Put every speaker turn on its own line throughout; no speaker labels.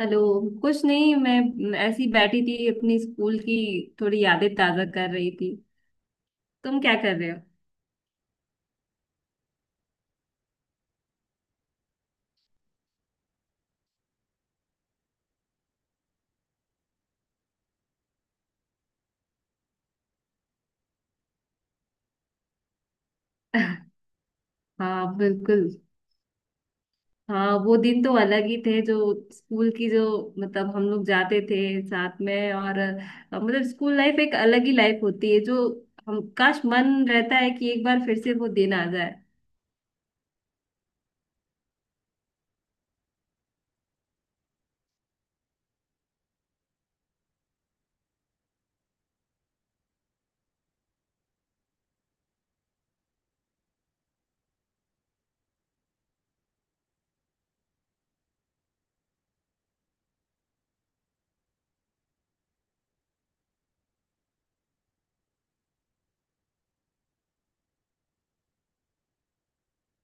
Hello. कुछ नहीं, मैं ऐसी बैठी थी अपनी स्कूल की थोड़ी यादें ताजा कर रही थी। तुम क्या कर रहे हो? हाँ बिल्कुल। हाँ, वो दिन तो अलग ही थे। जो स्कूल की, जो मतलब हम लोग जाते थे साथ में, और मतलब स्कूल लाइफ एक अलग ही लाइफ होती है। जो हम, काश मन रहता है कि एक बार फिर से वो दिन आ जाए।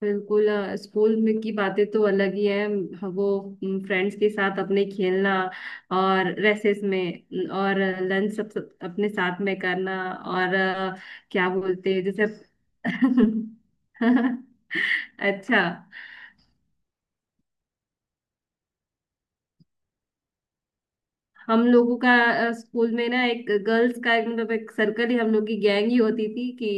बिल्कुल। स्कूल में की बातें तो अलग ही है। वो फ्रेंड्स के साथ अपने खेलना, और रेसेस में और लंच, सब अपने साथ में करना, और क्या बोलते हैं जैसे। अच्छा। हम लोगों का स्कूल में ना एक गर्ल्स का एक, मतलब एक सर्कल ही, हम लोग की गैंग ही होती थी कि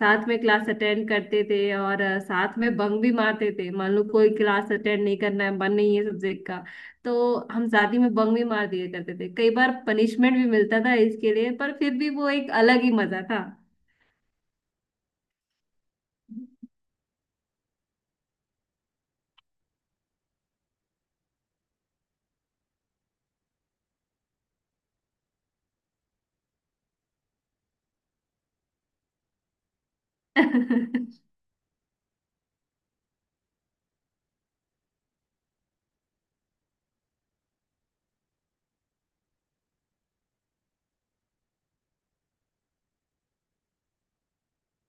साथ में क्लास अटेंड करते थे, और साथ में बंक भी मारते थे। मान लो कोई क्लास अटेंड नहीं करना है, मन नहीं है सब्जेक्ट का, तो हम साथ ही में बंक भी मार दिया करते थे। कई बार पनिशमेंट भी मिलता था इसके लिए, पर फिर भी वो एक अलग ही मजा था।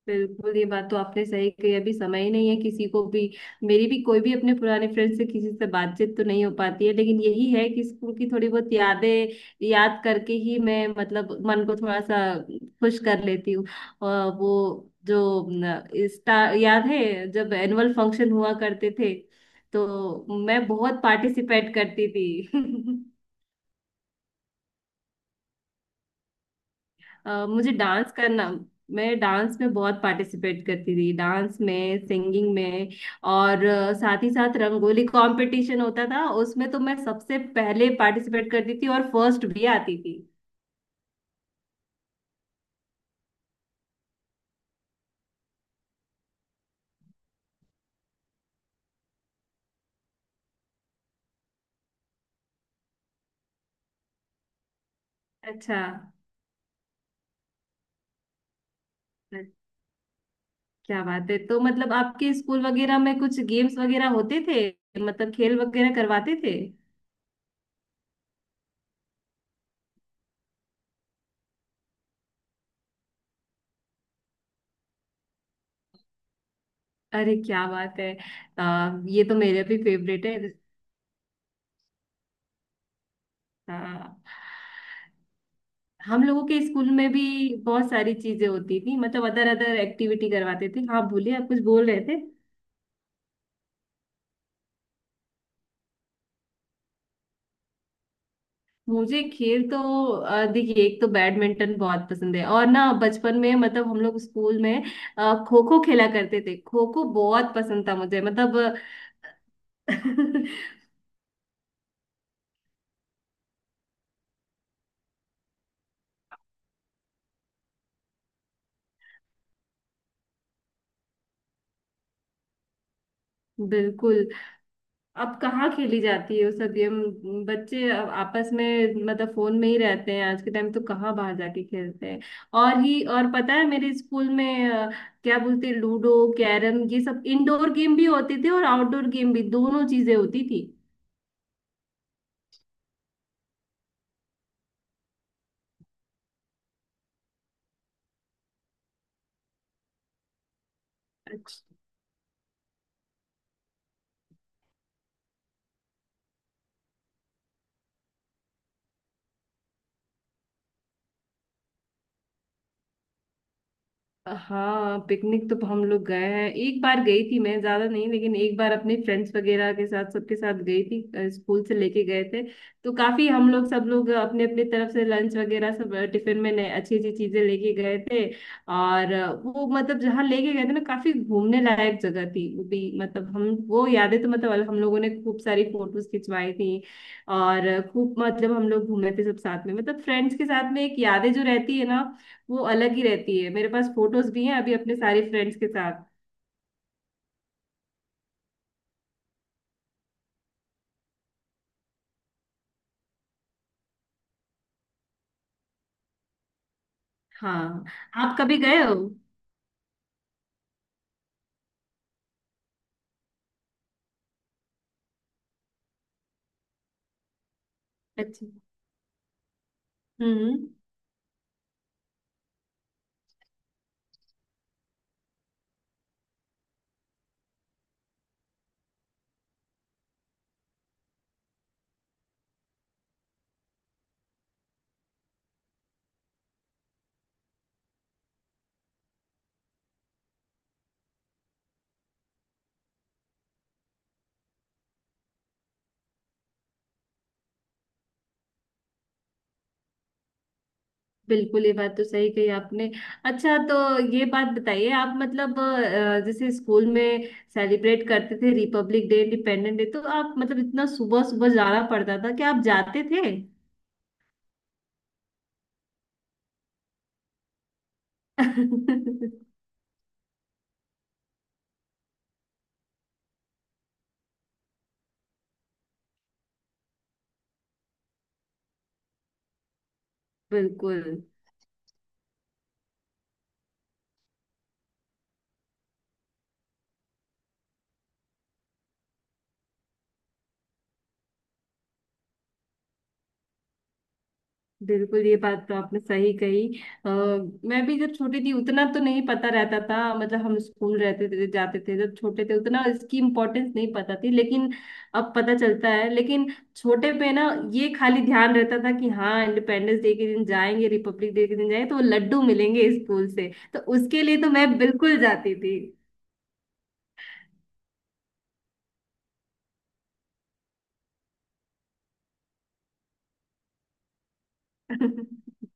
बिल्कुल, ये बात तो आपने सही कही। अभी समय ही नहीं है किसी को भी। मेरी भी कोई भी अपने पुराने फ्रेंड से किसी से बातचीत तो नहीं हो पाती है, लेकिन यही है कि स्कूल की थोड़ी बहुत यादें याद करके ही मैं, मतलब मन को थोड़ा सा खुश कर लेती हूँ। और वो, जो न, याद है जब एनुअल फंक्शन हुआ करते थे, तो मैं बहुत पार्टिसिपेट करती थी। मुझे डांस करना, मैं डांस में बहुत पार्टिसिपेट करती थी। डांस में, सिंगिंग में, और साथ ही साथ रंगोली कंपटीशन होता था, उसमें तो मैं सबसे पहले पार्टिसिपेट करती थी और फर्स्ट भी आती थी। अच्छा, क्या बात है। तो मतलब आपके स्कूल वगैरह में कुछ गेम्स वगैरह होते थे? मतलब खेल वगैरह करवाते थे? अरे क्या बात है! ये तो मेरा भी फेवरेट है। हाँ, हम लोगों के स्कूल में भी बहुत सारी चीजें होती थी। मतलब अदर अदर एक्टिविटी करवाते थे। हाँ बोलिए, आप कुछ बोल रहे थे। मुझे खेल तो देखिए, एक तो बैडमिंटन बहुत पसंद है, और ना बचपन में मतलब हम लोग स्कूल में खो खो खेला करते थे। खो खो बहुत पसंद था मुझे, मतलब। बिल्कुल। अब कहाँ खेली जाती है वो सब गेम? बच्चे अब आपस में, मतलब फोन में ही रहते हैं आज के टाइम, तो कहाँ बाहर जाके खेलते हैं। और ही और, पता है मेरे स्कूल में क्या बोलते हैं, लूडो, कैरम, ये सब इंडोर गेम भी होते थे, और आउटडोर गेम भी। दोनों चीजें होती थी। हाँ, पिकनिक तो हम लोग गए हैं। एक बार गई थी मैं, ज्यादा नहीं, लेकिन एक बार अपने फ्रेंड्स वगैरह के साथ, सबके साथ गई थी। स्कूल से लेके गए थे। तो काफी हम लोग, सब लोग अपने अपने तरफ से लंच वगैरह सब, टिफिन में नए अच्छी अच्छी चीजें लेके गए थे। और वो मतलब जहाँ लेके गए थे ना, काफी घूमने लायक जगह थी वो भी। मतलब हम वो यादें, तो मतलब हम लोगों ने खूब सारी फोटोज खिंचवाई थी। और खूब मतलब हम लोग घूमे थे सब साथ में, मतलब फ्रेंड्स के साथ में। एक यादें जो रहती है ना, वो अलग ही रहती है। मेरे पास फोटोज भी हैं अभी अपने सारे फ्रेंड्स के साथ। हाँ, आप कभी गए हो? अच्छा। हम्म। बिल्कुल, ये बात तो सही कही आपने। अच्छा तो ये बात बताइए, आप मतलब जैसे स्कूल में सेलिब्रेट करते थे रिपब्लिक डे, इंडिपेंडेंस डे, तो आप मतलब इतना सुबह सुबह जाना पड़ता था कि आप जाते थे? बिल्कुल। बिल्कुल, ये बात तो आपने सही कही। आ, मैं भी जब छोटी थी, उतना तो नहीं पता रहता था। मतलब हम स्कूल रहते थे, जाते थे, जब छोटे थे उतना इसकी इम्पोर्टेंस नहीं पता थी, लेकिन अब पता चलता है। लेकिन छोटे पे ना ये खाली ध्यान रहता था कि हाँ, इंडिपेंडेंस डे के दिन जाएंगे, रिपब्लिक डे के दिन जाएंगे, तो वो लड्डू मिलेंगे स्कूल से, तो उसके लिए तो मैं बिल्कुल जाती थी।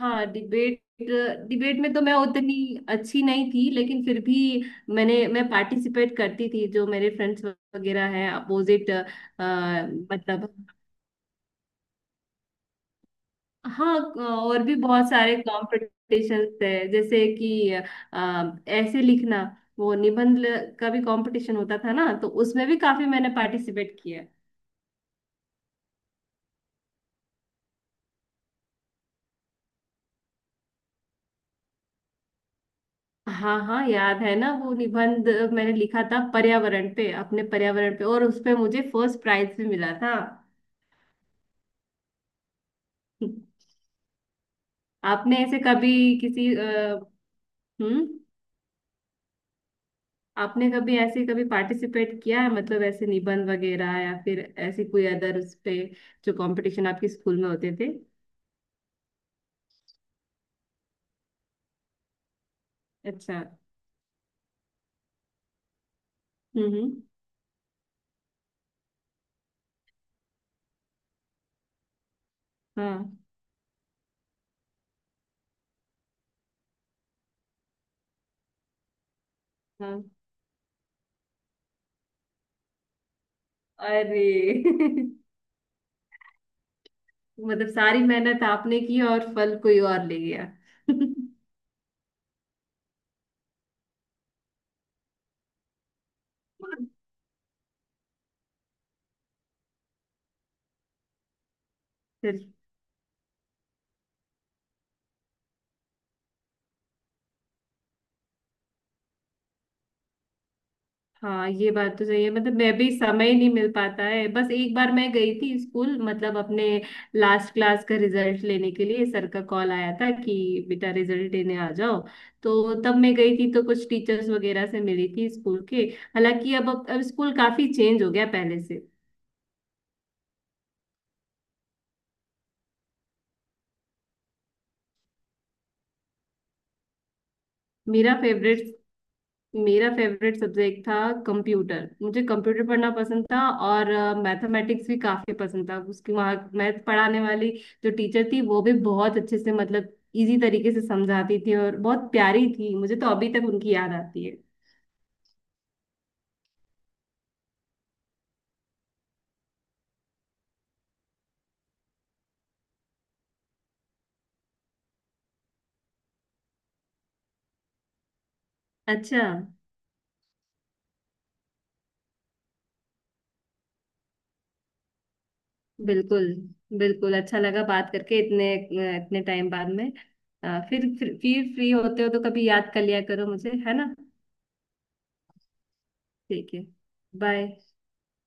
हाँ, डिबेट। डिबेट में तो मैं उतनी अच्छी नहीं थी, लेकिन फिर भी मैं पार्टिसिपेट करती थी। जो मेरे फ्रेंड्स वगैरह हैं अपोजिट। मतलब हाँ, और भी बहुत सारे कॉम्पिटिशन्स थे। जैसे कि ऐसे लिखना, वो निबंध का भी कंपटीशन होता था ना, तो उसमें भी काफी मैंने पार्टिसिपेट किया। हाँ हाँ, याद है ना। वो निबंध मैंने लिखा था पर्यावरण पे, अपने पर्यावरण पे, और उसपे मुझे फर्स्ट प्राइज भी मिला था। आपने ऐसे कभी किसी हम्म। आपने कभी ऐसे कभी पार्टिसिपेट किया है, मतलब ऐसे निबंध वगैरह, या फिर ऐसी कोई अदर उस पे जो कंपटीशन आपके स्कूल में होते थे? अच्छा। हम्म। हाँ हाँ। अरे मतलब सारी मेहनत आपने की और फल कोई और ले गया। चलिए। हाँ, ये बात तो सही है। मतलब मैं भी, समय नहीं मिल पाता है। बस एक बार मैं गई थी स्कूल, मतलब अपने लास्ट क्लास का रिजल्ट लेने के लिए। सर का कॉल आया था कि बेटा, रिजल्ट देने आ जाओ। तो तब मैं गई थी, तो कुछ टीचर्स वगैरह से मिली थी स्कूल के। हालांकि अब स्कूल काफी चेंज हो गया पहले से। मेरा फेवरेट मेरा फेवरेट सब्जेक्ट था कंप्यूटर। मुझे कंप्यूटर पढ़ना पसंद था। और मैथमेटिक्स भी काफी पसंद था। उसकी वहाँ मैथ पढ़ाने वाली जो टीचर थी, वो भी बहुत अच्छे से, मतलब इजी तरीके से समझाती थी और बहुत प्यारी थी। मुझे तो अभी तक उनकी याद आती है। अच्छा। बिल्कुल। बिल्कुल अच्छा लगा बात करके, इतने इतने टाइम बाद में। फिर फ्री होते हो तो कभी याद कर लिया करो मुझे, है ना? ठीक है, बाय।